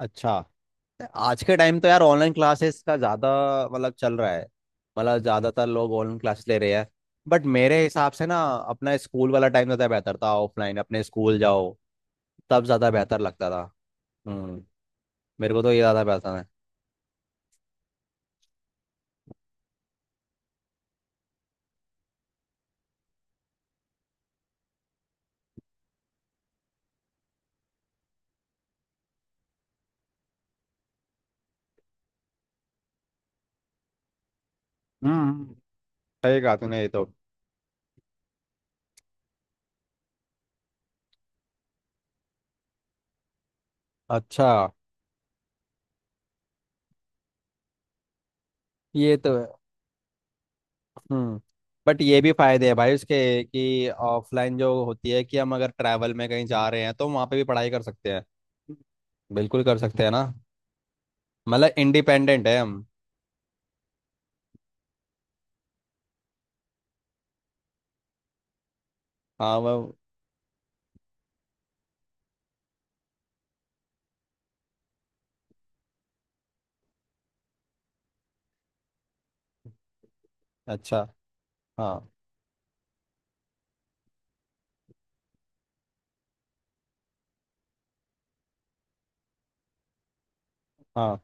अच्छा, आज के टाइम तो यार ऑनलाइन क्लासेस का ज़्यादा मतलब चल रहा है। मतलब ज़्यादातर लोग ऑनलाइन क्लासेस ले रहे हैं। बट मेरे हिसाब से ना, अपना स्कूल वाला टाइम ज़्यादा बेहतर था। ऑफलाइन अपने स्कूल जाओ, तब ज़्यादा बेहतर लगता था। हम्म। मेरे को तो ये ज़्यादा पसंद है। हम्म। सही कहा तूने ये तो। अच्छा। ये तो है। हम्म। बट ये भी फायदे हैं भाई उसके कि ऑफलाइन जो होती है कि हम अगर ट्रैवल में कहीं जा रहे हैं तो वहाँ पे भी पढ़ाई कर सकते हैं। बिल्कुल कर सकते हैं ना। मतलब इंडिपेंडेंट है हम। हाँ वो। अच्छा। हाँ। हाँ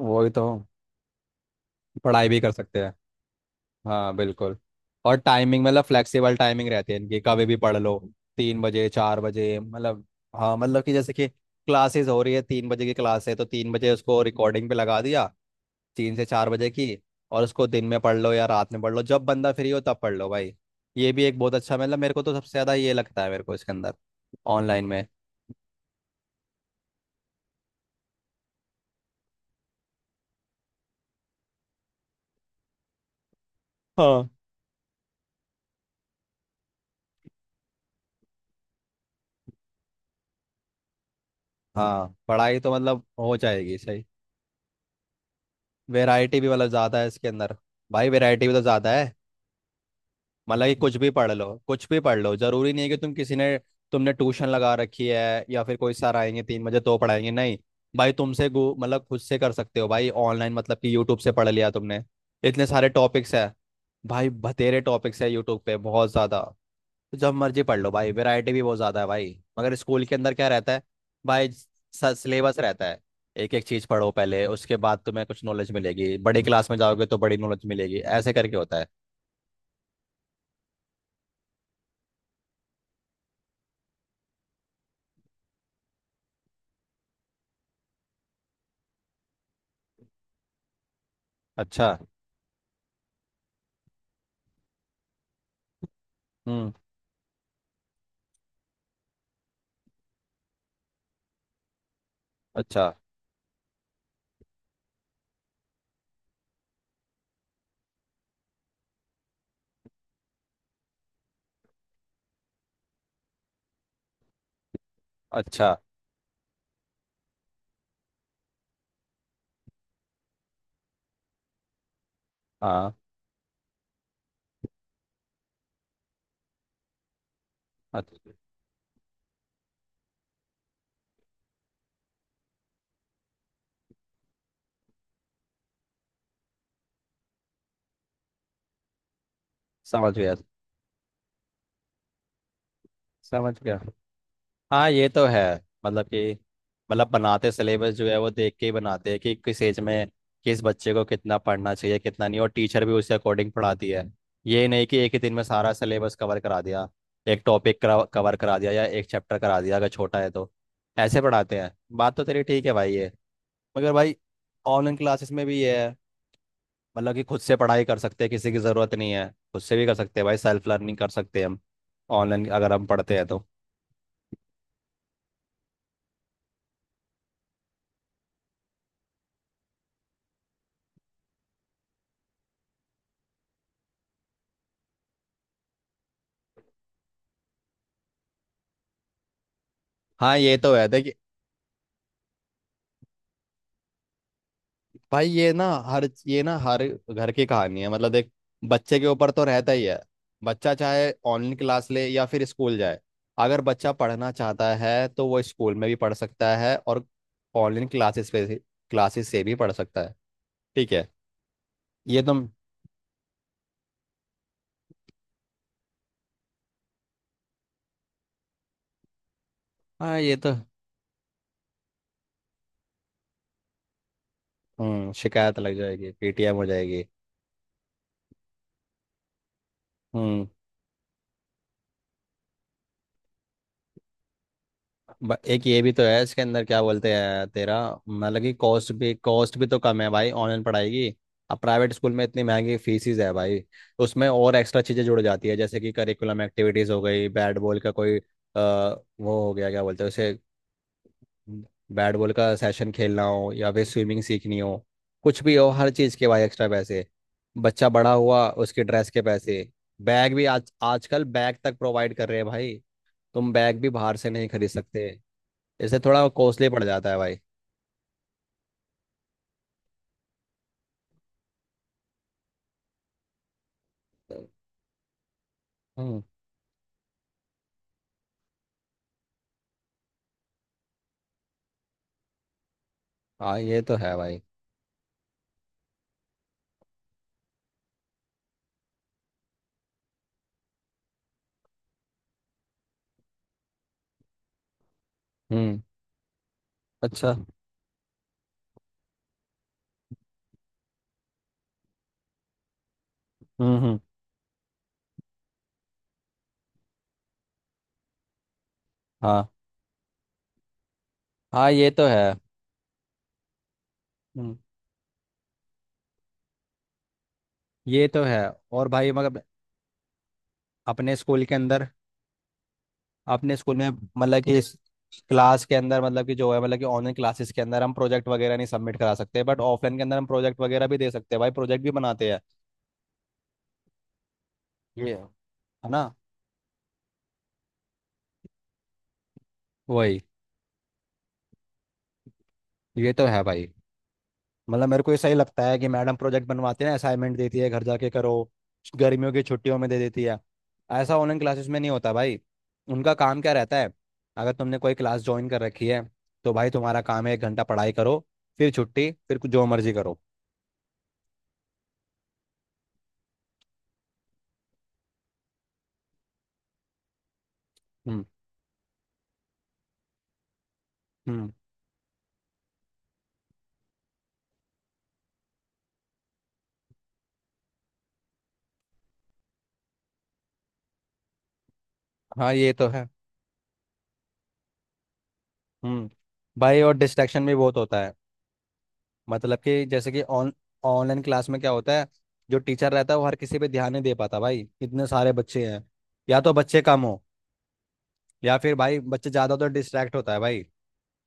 वही तो, पढ़ाई भी कर सकते हैं। हाँ बिल्कुल। और टाइमिंग मतलब फ्लेक्सिबल टाइमिंग रहती है इनकी, कभी भी पढ़ लो। 3 बजे, 4 बजे मतलब। हाँ, मतलब कि जैसे कि क्लासेस हो रही है, 3 बजे की क्लास है तो 3 बजे उसको रिकॉर्डिंग पे लगा दिया, 3 से 4 बजे की। और उसको दिन में पढ़ लो या रात में पढ़ लो, जब बंदा फ्री हो तब पढ़ लो भाई। ये भी एक बहुत अच्छा, मतलब मेरे को तो सबसे ज़्यादा ये लगता है, मेरे को इसके अंदर, ऑनलाइन में। हाँ। हाँ पढ़ाई तो मतलब हो जाएगी सही। वैरायटी भी मतलब ज़्यादा है इसके अंदर। भाई वैरायटी भी तो ज़्यादा है। मतलब कि कुछ भी पढ़ लो, कुछ भी पढ़ लो, ज़रूरी नहीं है कि तुम किसी ने, तुमने ट्यूशन लगा रखी है या फिर कोई सर आएंगे 3 बजे तो पढ़ाएंगे नहीं। भाई मतलब खुद से कर सकते हो भाई ऑनलाइन, मतलब कि यूट्यूब से पढ़ लिया तुमने। इतने सारे टॉपिक्स है। भाई बतेरे टॉपिक्स है यूट्यूब पे बहुत ज़्यादा। तो जब मर्जी पढ़ लो भाई, वैरायटी भी बहुत ज़्यादा है भाई। मगर स्कूल के अंदर क्या रहता है भाई? सिलेबस रहता है। एक एक चीज़ पढ़ो पहले, उसके बाद तुम्हें कुछ नॉलेज मिलेगी, बड़ी क्लास में जाओगे तो बड़ी नॉलेज मिलेगी, ऐसे करके होता है। अच्छा। हम्म। अच्छा। अच्छा। हाँ। अच्छा, समझ गया। समझ गया। हाँ ये तो है। मतलब कि, मतलब बनाते सिलेबस जो है वो देख के ही बनाते हैं कि किस एज में किस बच्चे को कितना पढ़ना चाहिए कितना नहीं, और टीचर भी उसके अकॉर्डिंग पढ़ाती है। ये नहीं कि एक ही दिन में सारा सिलेबस कवर करा दिया। एक टॉपिक कवर करा दिया या एक चैप्टर करा दिया अगर छोटा है तो, ऐसे पढ़ाते हैं। बात तो तेरी ठीक है भाई ये। मगर भाई ऑनलाइन क्लासेस में भी ये है, मतलब कि खुद से पढ़ाई कर सकते हैं, किसी की ज़रूरत नहीं है, खुद से भी कर सकते हैं भाई, सेल्फ लर्निंग कर सकते हैं हम। ऑनलाइन अगर हम पढ़ते हैं तो। हाँ ये तो है देखिए। भाई ये ना हर घर की कहानी है, मतलब देख, बच्चे के ऊपर तो रहता ही है। बच्चा चाहे ऑनलाइन क्लास ले या फिर स्कूल जाए, अगर बच्चा पढ़ना चाहता है तो वो स्कूल में भी पढ़ सकता है और ऑनलाइन क्लासेस पे, क्लासेस से भी पढ़ सकता है। ठीक है। ये तुम। हाँ ये तो। हम्म, शिकायत लग जाएगी, पीटीएम हो जाएगी। हम्म। एक ये भी तो है इसके अंदर, क्या बोलते हैं तेरा, मतलब कि कॉस्ट भी तो कम है भाई ऑनलाइन पढ़ाई की। अब प्राइवेट स्कूल में इतनी महंगी फीसिस है भाई, उसमें और एक्स्ट्रा चीज़ें जुड़ जाती है, जैसे कि करिकुलम एक्टिविटीज़ हो गई, बैट बॉल का कोई वो हो गया, क्या बोलते हैं उसे, बैट बॉल का सेशन खेलना हो या फिर स्विमिंग सीखनी हो, कुछ भी हो, हर चीज़ के भाई एक्स्ट्रा पैसे। बच्चा बड़ा हुआ उसके ड्रेस के पैसे, बैग भी, आज आजकल बैग तक प्रोवाइड कर रहे हैं भाई, तुम बैग भी बाहर से नहीं खरीद सकते। इससे थोड़ा कॉस्टली पड़ जाता है भाई। हम्म। हाँ ये तो है भाई। हम्म। अच्छा। हम्म। हम्म। हाँ। हाँ ये तो है। हम्म। ये तो है। और भाई मगर, अपने स्कूल के अंदर, अपने स्कूल में, मतलब कि इस क्लास के अंदर, मतलब कि जो है, मतलब कि ऑनलाइन क्लासेस के अंदर हम प्रोजेक्ट वगैरह नहीं सबमिट करा सकते, बट ऑफलाइन के अंदर हम प्रोजेक्ट वगैरह भी दे सकते हैं भाई, प्रोजेक्ट भी बनाते हैं। ये है। ना वही। ये तो है भाई। मतलब मेरे को ये सही लगता है कि मैडम प्रोजेक्ट बनवाती है ना, असाइनमेंट देती है, घर जाके करो, गर्मियों की छुट्टियों में दे देती है। ऐसा ऑनलाइन क्लासेस में नहीं होता भाई। उनका काम क्या रहता है, अगर तुमने कोई क्लास ज्वाइन कर रखी है तो भाई तुम्हारा काम है 1 घंटा पढ़ाई करो, फिर छुट्टी, फिर कुछ जो मर्जी करो। हम्म। हम्म। हाँ ये तो है। हम्म। भाई और डिस्ट्रैक्शन भी बहुत होता है, मतलब कि जैसे कि ऑन ऑनलाइन क्लास में क्या होता है, जो टीचर रहता है वो हर किसी पे ध्यान नहीं दे पाता भाई, इतने सारे बच्चे हैं, या तो बच्चे कम हो या फिर भाई बच्चे ज्यादा तो डिस्ट्रैक्ट होता है भाई।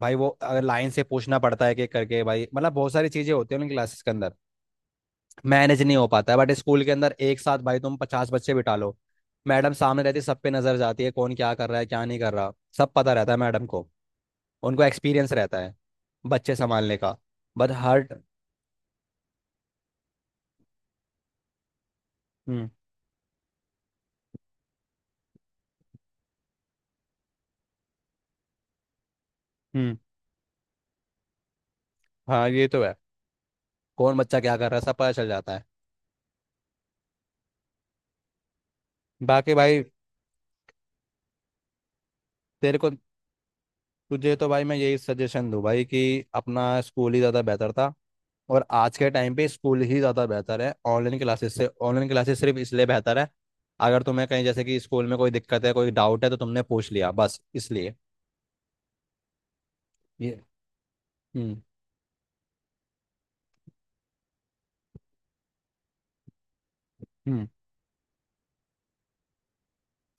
भाई वो अगर लाइन से पूछना पड़ता है कि करके भाई, मतलब बहुत सारी चीजें होती है उनकी क्लासेस के अंदर, मैनेज नहीं हो पाता है। बट स्कूल के अंदर एक साथ भाई तुम 50 बच्चे बिठा लो, मैडम सामने रहती है, सब पे नजर जाती है कौन क्या कर रहा है क्या नहीं कर रहा, सब पता रहता है मैडम को, उनको एक्सपीरियंस रहता है बच्चे संभालने का। बट हर। हम्म। हम्म। हाँ ये तो है। कौन बच्चा क्या कर रहा है सब पता चल जाता है। बाकी भाई तेरे को, तुझे तो भाई मैं यही सजेशन दूँ भाई कि अपना स्कूल ही ज़्यादा बेहतर था, और आज के टाइम पे स्कूल ही ज़्यादा बेहतर है ऑनलाइन क्लासेस से। ऑनलाइन क्लासेस सिर्फ इसलिए बेहतर है, अगर तुम्हें कहीं जैसे कि स्कूल में कोई दिक्कत है, कोई डाउट है तो तुमने पूछ लिया, बस इसलिए। ये। हम्म। हम्म।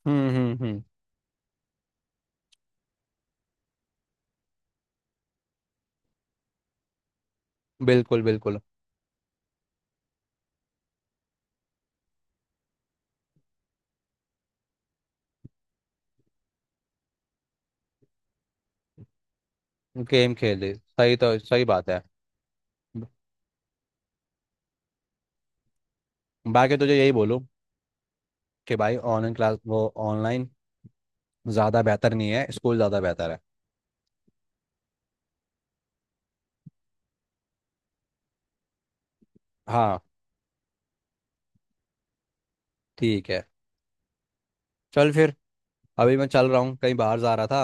हम्म। हम्म। हम्म। बिल्कुल बिल्कुल। गेम खेले, सही तो सही बात है। बाकी तुझे यही बोलूँ कि भाई ऑनलाइन क्लास, वो ऑनलाइन ज़्यादा बेहतर नहीं है, स्कूल ज़्यादा बेहतर है। हाँ। ठीक है। चल फिर, अभी मैं चल रहा हूँ, कहीं बाहर जा रहा था,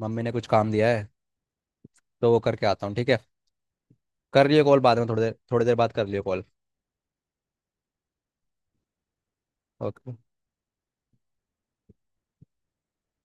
मम्मी ने कुछ काम दिया है तो वो करके आता हूँ, ठीक है। कर लियो कॉल बाद में, थोड़ी देर, थोड़ी देर बाद कर लियो कॉल। ओके।